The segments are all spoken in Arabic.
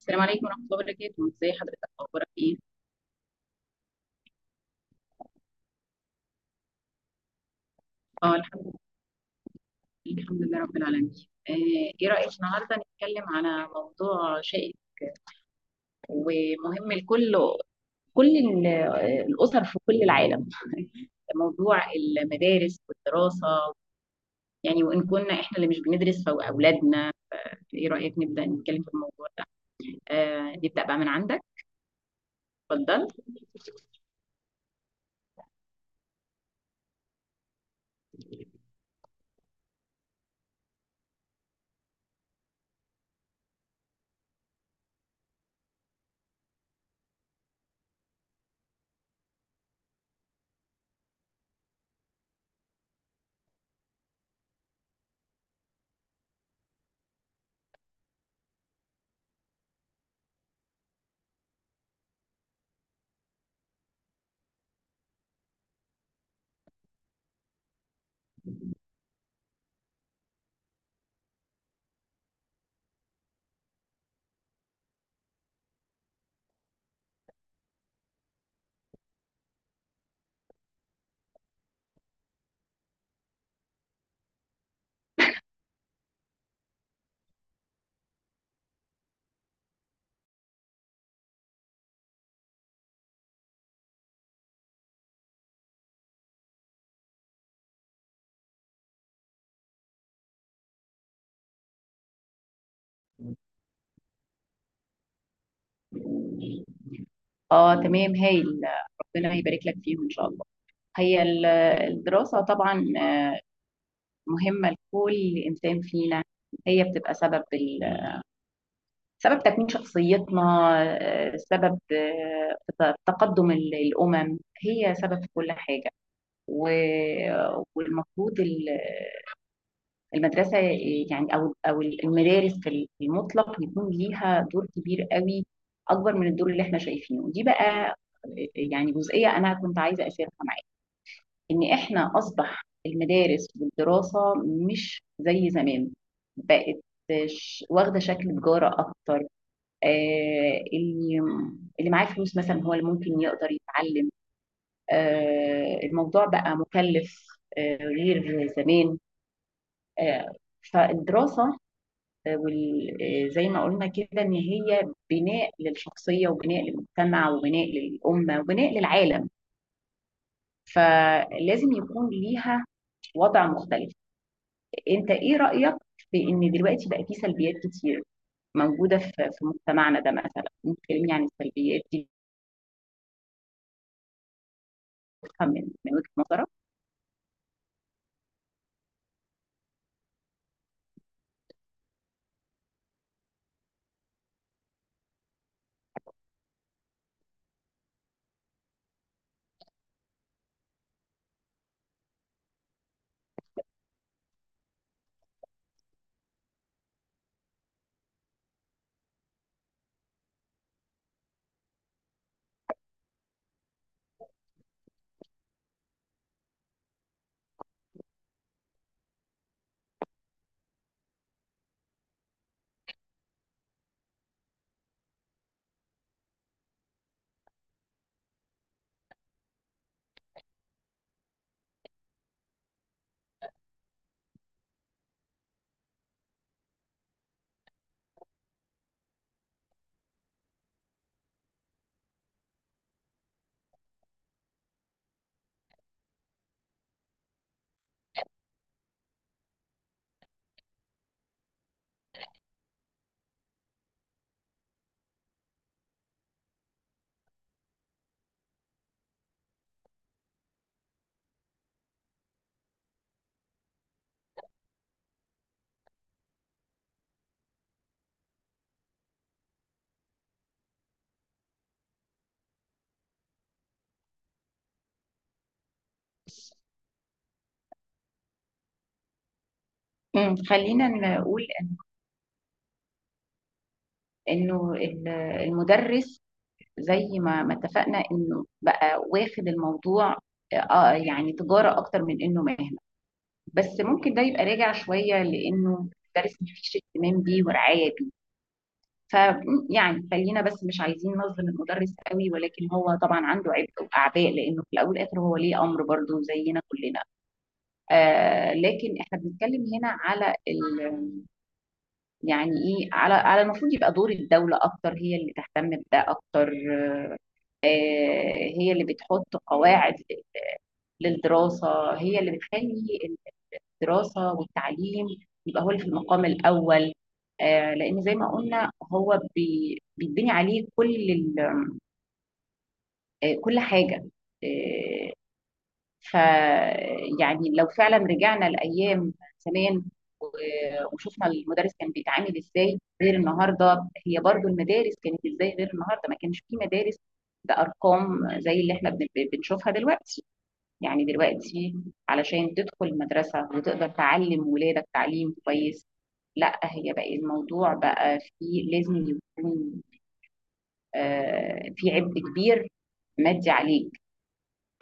السلام عليكم ورحمة الله وبركاته، ازي حضرتك، اخبارك ايه؟ اه الحمد لله. الحمد لله رب العالمين. ايه رأيك النهارده نتكلم على موضوع شائك ومهم الكل كل ال- الأسر في كل العالم موضوع المدارس والدراسة يعني، وإن كنا احنا اللي مش بندرس فأولادنا. ايه رأيك نبدأ نتكلم في الموضوع ده؟ آه، نبدأ بقى من عندك، اتفضل. اه تمام، هايل. ربنا يبارك لك فيهم ان شاء الله. هي ال- الدراسة طبعا آه، مهمة لكل إنسان فينا. هي بتبقى سبب تكوين شخصيتنا، سبب، تقدم الأمم. هي سبب في كل حاجة. و... والمفروض المدرسة يعني، أو المدارس في المطلق، يكون ليها دور كبير قوي، أكبر من الدور اللي إحنا شايفينه دي بقى. يعني جزئية أنا كنت عايزة أشيرها، ان احنا اصبح المدارس والدراسة مش زي زمان. بقت واخدة شكل تجارة اكتر. آه، اللي معاه فلوس مثلا هو اللي ممكن يقدر يتعلم. آه، الموضوع بقى مكلف، آه، غير زمان، آه. فالدراسة، آه، وال- زي ما قلنا كده ان هي بناء للشخصية وبناء للمجتمع وبناء للأمة وبناء للعالم، فلازم يكون ليها وضع مختلف. انت ايه رأيك في ان دلوقتي بقى في سلبيات كتير موجودة في مجتمعنا ده؟ مثلا ممكن تكلمني عن السلبيات دي، تفهم من وجهة نظرك. خلينا نقول انه المدرس زي ما اتفقنا انه بقى واخد الموضوع آه، يعني تجارة اكتر من انه مهنة. بس ممكن ده يبقى راجع شوية، لانه المدرس مفيش اهتمام بيه ورعاية. فيعني خلينا بس مش عايزين نظلم المدرس قوي، ولكن هو طبعا عنده عبء واعباء، لانه في الاول والاخر هو ليه امر برضه زينا كلنا. آه لكن احنا بنتكلم هنا على ال، يعني ايه، على على المفروض يبقى دور الدوله اكتر. هي اللي تهتم بده اكتر، آه، هي اللي بتحط قواعد للدراسه، هي اللي بتخلي الدراسه والتعليم يبقى هو اللي في المقام الاول. آه لان زي ما قلنا هو بيتبني عليه كل ال، كل حاجة، آه، ف يعني. لو فعلا رجعنا لأيام زمان وشفنا المدرس كان بيتعامل ازاي غير النهارده، هي برضو المدارس كانت ازاي غير النهارده؟ ما كانش في مدارس بأرقام زي اللي احنا بنشوفها دلوقتي. يعني دلوقتي علشان تدخل مدرسة وتقدر تعلم ولادك تعليم كويس، لا هي بقى الموضوع بقى فيه، لازم يكون في عبء كبير مادي عليك،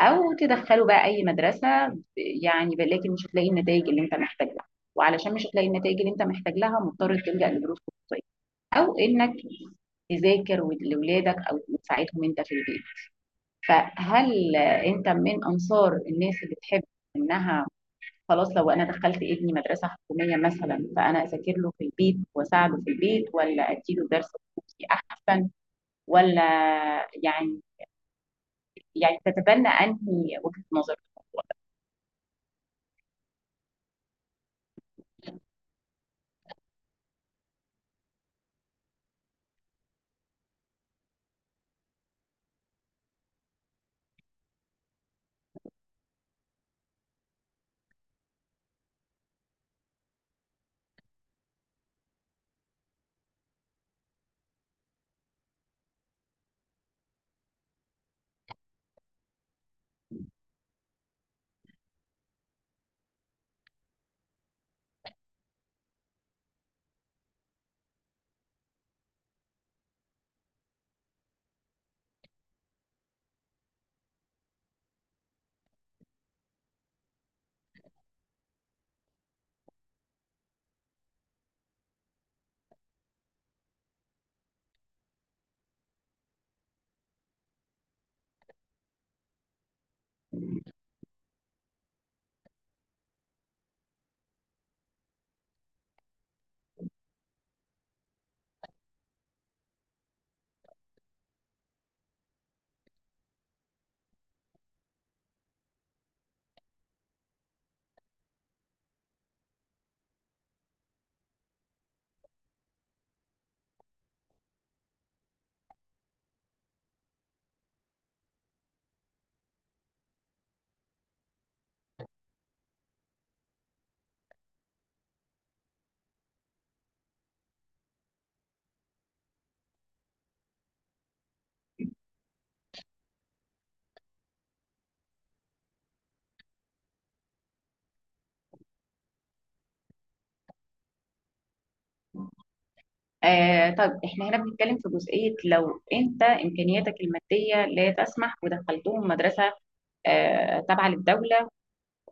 او تدخله بقى اي مدرسه لكن مش هتلاقي النتائج اللي انت محتاج لها. وعلشان مش هتلاقي النتائج اللي انت محتاج لها، مضطر تلجأ لدروس خصوصيه، او انك تذاكر لاولادك او تساعدهم انت في البيت. فهل انت من انصار الناس اللي تحب انها خلاص لو انا دخلت ابني مدرسه حكوميه مثلا فانا اذاكر له في البيت واساعده في البيت، ولا اديله درس خصوصي احسن؟ ولا يعني، يعني تتبنى انهي وجهه نظر؟ آه، طب احنا هنا بنتكلم في جزئية، لو انت امكانياتك المادية لا تسمح ودخلتهم مدرسة آه تابعة للدولة،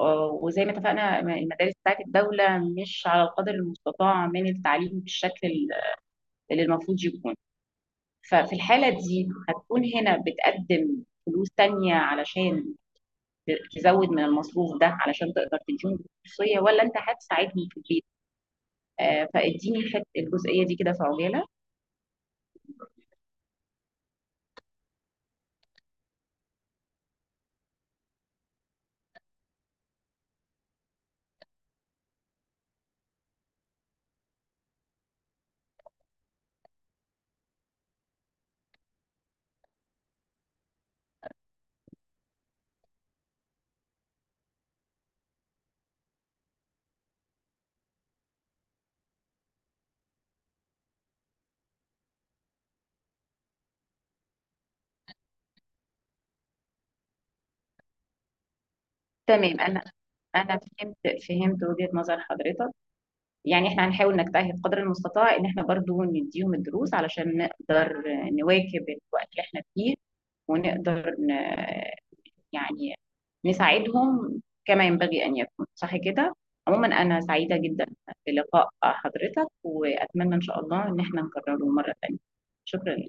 آه وزي ما اتفقنا المدارس بتاعت الدولة مش على القدر المستطاع من التعليم بالشكل اللي المفروض يكون، ففي الحالة دي هتكون هنا بتقدم فلوس تانية علشان تزود من المصروف ده علشان تقدر تديهم خصوصية، ولا انت هتساعدني في البيت؟ آه، فاديني الجزئية دي كده في عجالة. تمام، انا فهمت، فهمت وجهة نظر حضرتك. يعني احنا هنحاول نجتهد قدر المستطاع ان احنا برضو نديهم الدروس علشان نقدر نواكب الوقت اللي احنا فيه، ونقدر يعني نساعدهم كما ينبغي ان يكون، صح كده؟ عموما انا سعيدة جدا بلقاء حضرتك، واتمنى ان شاء الله ان احنا نكرره مرة تانية. شكرا